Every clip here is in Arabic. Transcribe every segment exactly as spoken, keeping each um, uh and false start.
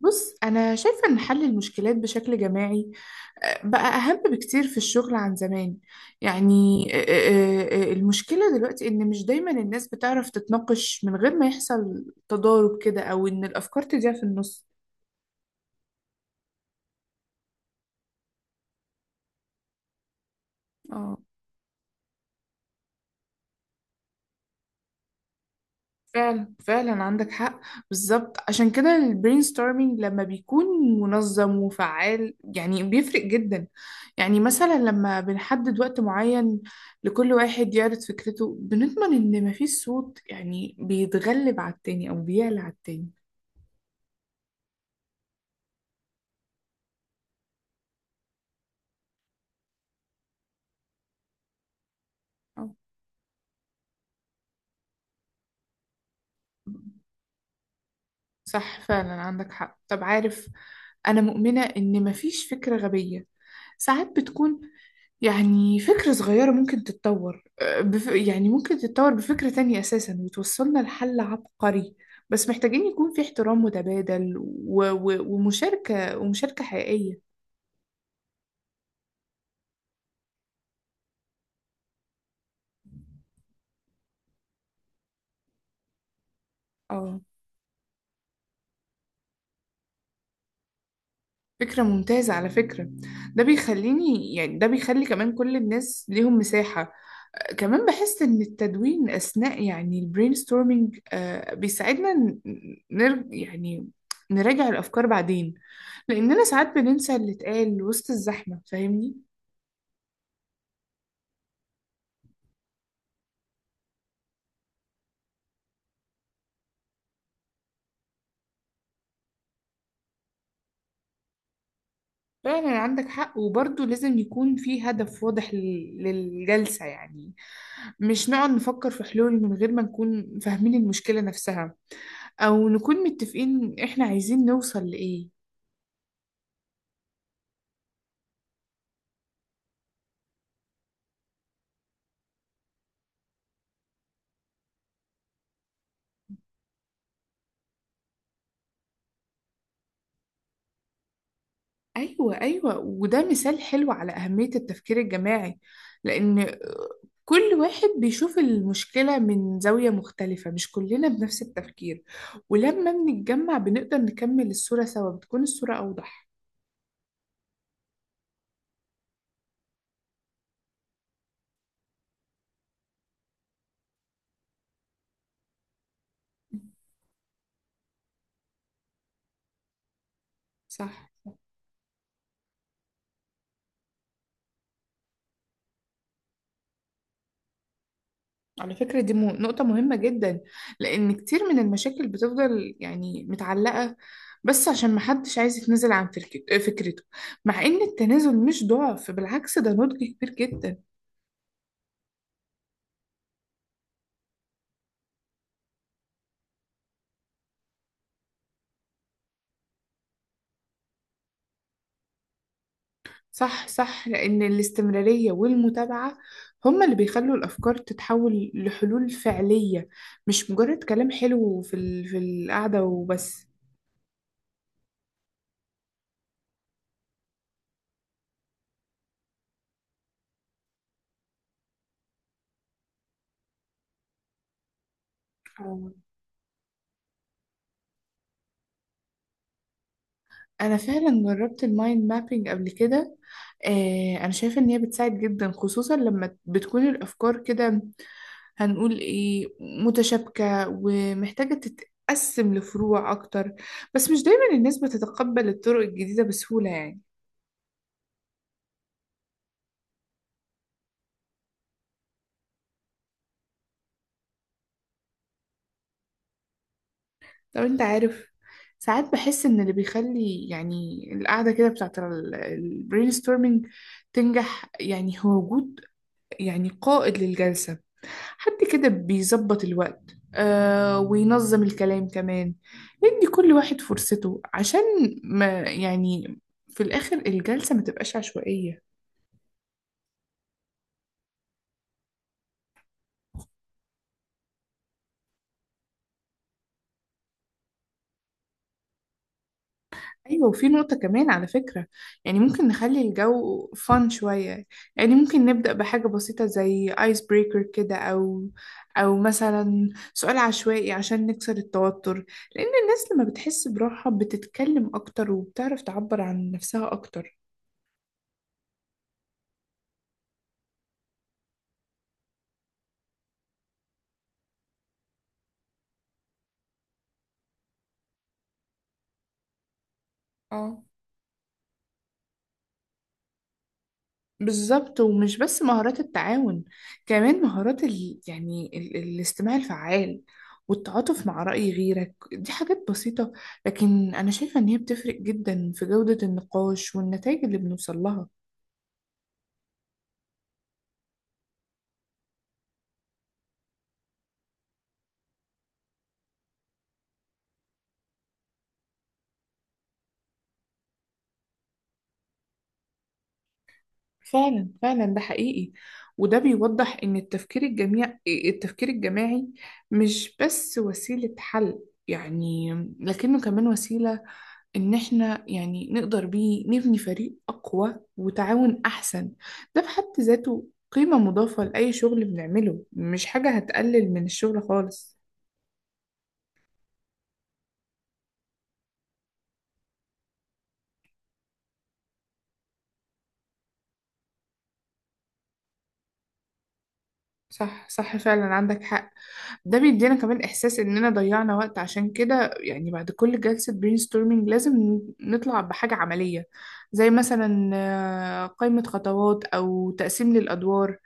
بص، أنا شايفة إن حل المشكلات بشكل جماعي آه، بقى أهم بكتير في الشغل عن زمان يعني. آه، آه، آه، آه، المشكلة دلوقتي إن مش دايما الناس بتعرف تتناقش من غير ما يحصل تضارب كده أو إن الأفكار تضيع في النص. فعلا فعلا، عندك حق. بالظبط، عشان كده البرين ستورمينج لما بيكون منظم وفعال يعني بيفرق جدا. يعني مثلا لما بنحدد وقت معين لكل واحد يعرض فكرته بنضمن ان مفيش صوت يعني بيتغلب على التاني او بيعلى على التاني. أو. صح، فعلا عندك حق. طب عارف، أنا مؤمنة إن مفيش فكرة غبية. ساعات بتكون يعني فكرة صغيرة ممكن تتطور، آه، بف... يعني ممكن تتطور بفكرة تانية أساسا وتوصلنا لحل عبقري. بس محتاجين يكون في احترام متبادل و... و... ومشاركة ومشاركة حقيقية. اه، فكرة ممتازة على فكرة. ده بيخليني يعني ده بيخلي كمان كل الناس ليهم مساحة. آه، كمان بحس إن التدوين أثناء يعني البرين ستورمينج بيساعدنا ن- نر... يعني نراجع الأفكار بعدين، لأننا ساعات بننسى اللي اتقال وسط الزحمة، فاهمني؟ فعلا عندك حق. وبرضه لازم يكون في هدف واضح لل- للجلسة، يعني مش نقعد نفكر في حلول من غير ما نكون فاهمين المشكلة نفسها، أو نكون متفقين إحنا عايزين نوصل لإيه. أيوة أيوة، وده مثال حلو على أهمية التفكير الجماعي، لأن كل واحد بيشوف المشكلة من زاوية مختلفة، مش كلنا بنفس التفكير. ولما بنتجمع بنقدر نكمل الصورة سوا، بتكون الصورة أوضح. صح. على فكرة دي مو- نقطة مهمة جدا، لأن كتير من المشاكل بتفضل يعني متعلقة بس عشان محدش عايز يتنازل عن فركت- فكرته، مع إن التنازل مش ضعف، بالعكس ده نضج كبير جدا. صح صح، لأن الاستمرارية والمتابعة هما اللي بيخلوا الأفكار تتحول لحلول فعلية، مش مجرد كلام حلو في ال... في القعدة وبس. انا فعلا جربت المايند مابينج قبل كده. آه، انا شايفه ان هي بتساعد جدا، خصوصا لما بتكون الافكار كده، هنقول ايه، متشابكه ومحتاجه تتقسم لفروع اكتر. بس مش دايما الناس بتتقبل الطرق الجديده بسهوله يعني. طب انت عارف، ساعات بحس ان اللي بيخلي يعني القعده كده بتاعت البرين ستورمينج تنجح يعني هو وجود يعني قائد للجلسه، حد كده بيظبط الوقت آه وينظم الكلام كمان، ندي كل واحد فرصته عشان ما يعني في الآخر الجلسة ما تبقاش عشوائية. أيوة، وفي نقطة كمان على فكرة، يعني ممكن نخلي الجو فان شوية، يعني ممكن نبدأ بحاجة بسيطة زي ايس بريكر كده، أو أو مثلا سؤال عشوائي عشان نكسر التوتر، لأن الناس لما بتحس براحة بتتكلم أكتر وبتعرف تعبر عن نفسها أكتر. اه، بالظبط، ومش بس مهارات التعاون، كمان مهارات ال... يعني ال... الاستماع الفعال والتعاطف مع رأي غيرك، دي حاجات بسيطة لكن أنا شايفة إن هي بتفرق جدا في جودة النقاش والنتائج اللي بنوصل لها. فعلا فعلا، ده حقيقي. وده بيوضح إن التفكير الجميع التفكير الجماعي مش بس وسيلة حل يعني، لكنه كمان وسيلة إن إحنا يعني نقدر بيه نبني فريق أقوى وتعاون أحسن. ده في حد ذاته قيمة مضافة لأي شغل بنعمله، مش حاجة هتقلل من الشغل خالص. صح صح، فعلا عندك حق. ده بيدينا كمان إحساس إننا ضيعنا وقت. عشان كده يعني بعد كل جلسة brainstorming لازم نطلع بحاجة عملية، زي مثلا آه، قائمة خطوات أو تقسيم للأدوار،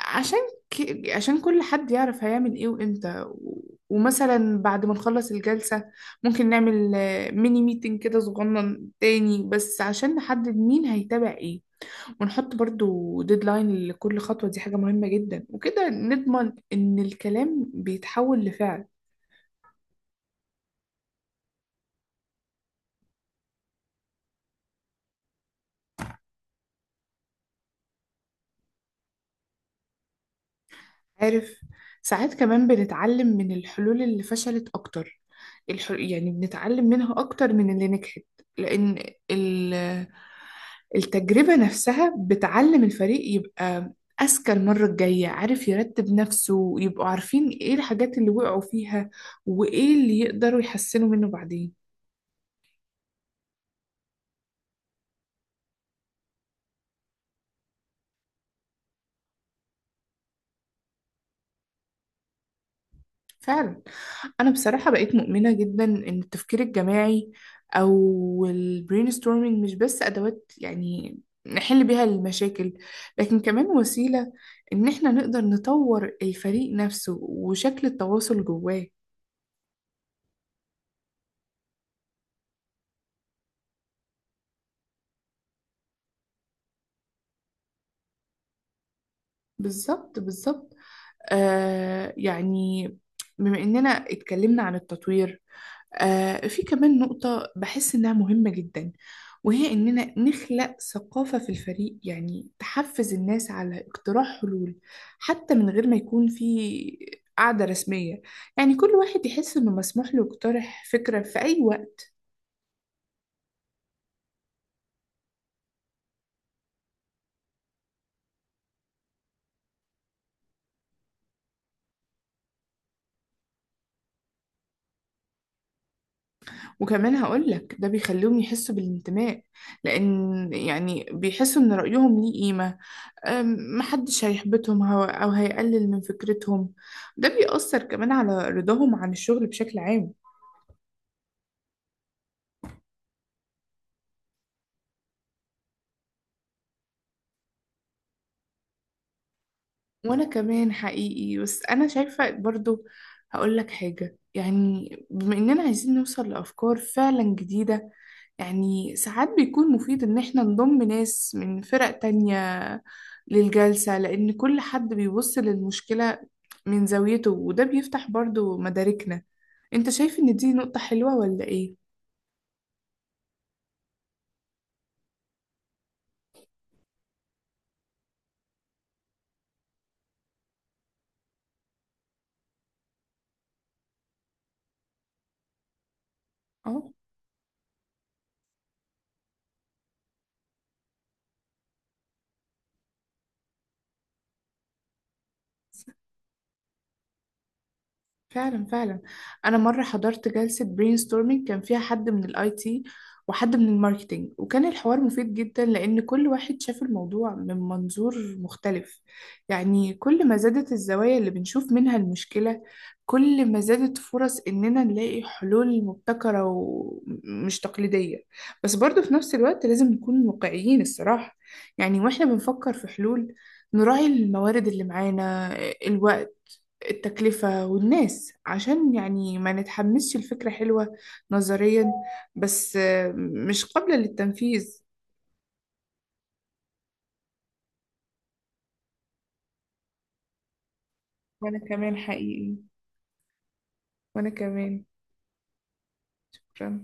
عشان ك... عشان كل حد يعرف هيعمل ايه وامتى و... ومثلا بعد ما نخلص الجلسة ممكن نعمل آه، ميني ميتنج كده صغنن تاني بس عشان نحدد مين هيتابع ايه، ونحط برضو ديدلاين لكل خطوة. دي حاجة مهمة جدا، وكده نضمن ان الكلام بيتحول لفعل. عارف، ساعات كمان بنتعلم من الحلول اللي فشلت اكتر، الح... يعني بنتعلم منها اكتر من اللي نجحت، لان ال... التجربة نفسها بتعلم الفريق يبقى أذكى المرة الجاية، عارف يرتب نفسه ويبقوا عارفين إيه الحاجات اللي وقعوا فيها، وإيه اللي يقدروا يحسنوا منه بعدين. فعلا، أنا بصراحة بقيت مؤمنة جدا إن التفكير الجماعي أو ال brainstorming مش بس أدوات يعني نحل بيها المشاكل، لكن كمان وسيلة إن إحنا نقدر نطور الفريق نفسه وشكل التواصل جواه. بالظبط بالظبط. آه يعني بما إننا اتكلمنا عن التطوير، آه في كمان نقطة بحس إنها مهمة جدا، وهي إننا نخلق ثقافة في الفريق يعني تحفز الناس على اقتراح حلول حتى من غير ما يكون في قاعدة رسمية، يعني كل واحد يحس إنه مسموح له يقترح فكرة في أي وقت. وكمان هقولك ده بيخليهم يحسوا بالانتماء، لأن يعني بيحسوا إن رأيهم ليه قيمة. أم، محدش هيحبطهم هو- أو هيقلل من فكرتهم. ده بيأثر كمان على رضاهم عن الشغل بشكل عام. وأنا كمان حقيقي. بس أنا شايفة برضو هقول لك حاجة، يعني بما إننا عايزين نوصل لأفكار فعلا جديدة، يعني ساعات بيكون مفيد إن إحنا نضم ناس من فرق تانية للجلسة، لأن كل حد بيبص للمشكلة من زاويته وده بيفتح برضو مداركنا. أنت شايف إن دي نقطة حلوة ولا إيه؟ فعلا فعلا، انا مره حضرت جلسه برين ستورمينج كان فيها حد من الاي تي وحد من الماركتينج، وكان الحوار مفيد جدا لان كل واحد شاف الموضوع من منظور مختلف. يعني كل ما زادت الزوايا اللي بنشوف منها المشكله، كل ما زادت فرص اننا نلاقي حلول مبتكره ومش تقليديه. بس برضه في نفس الوقت لازم نكون واقعيين الصراحه، يعني واحنا بنفكر في حلول نراعي الموارد اللي معانا، الوقت، التكلفة والناس، عشان يعني ما نتحمسش الفكرة حلوة نظريا بس آه، مش قابلة للتنفيذ. وأنا كمان حقيقي، وأنا كمان شكرا.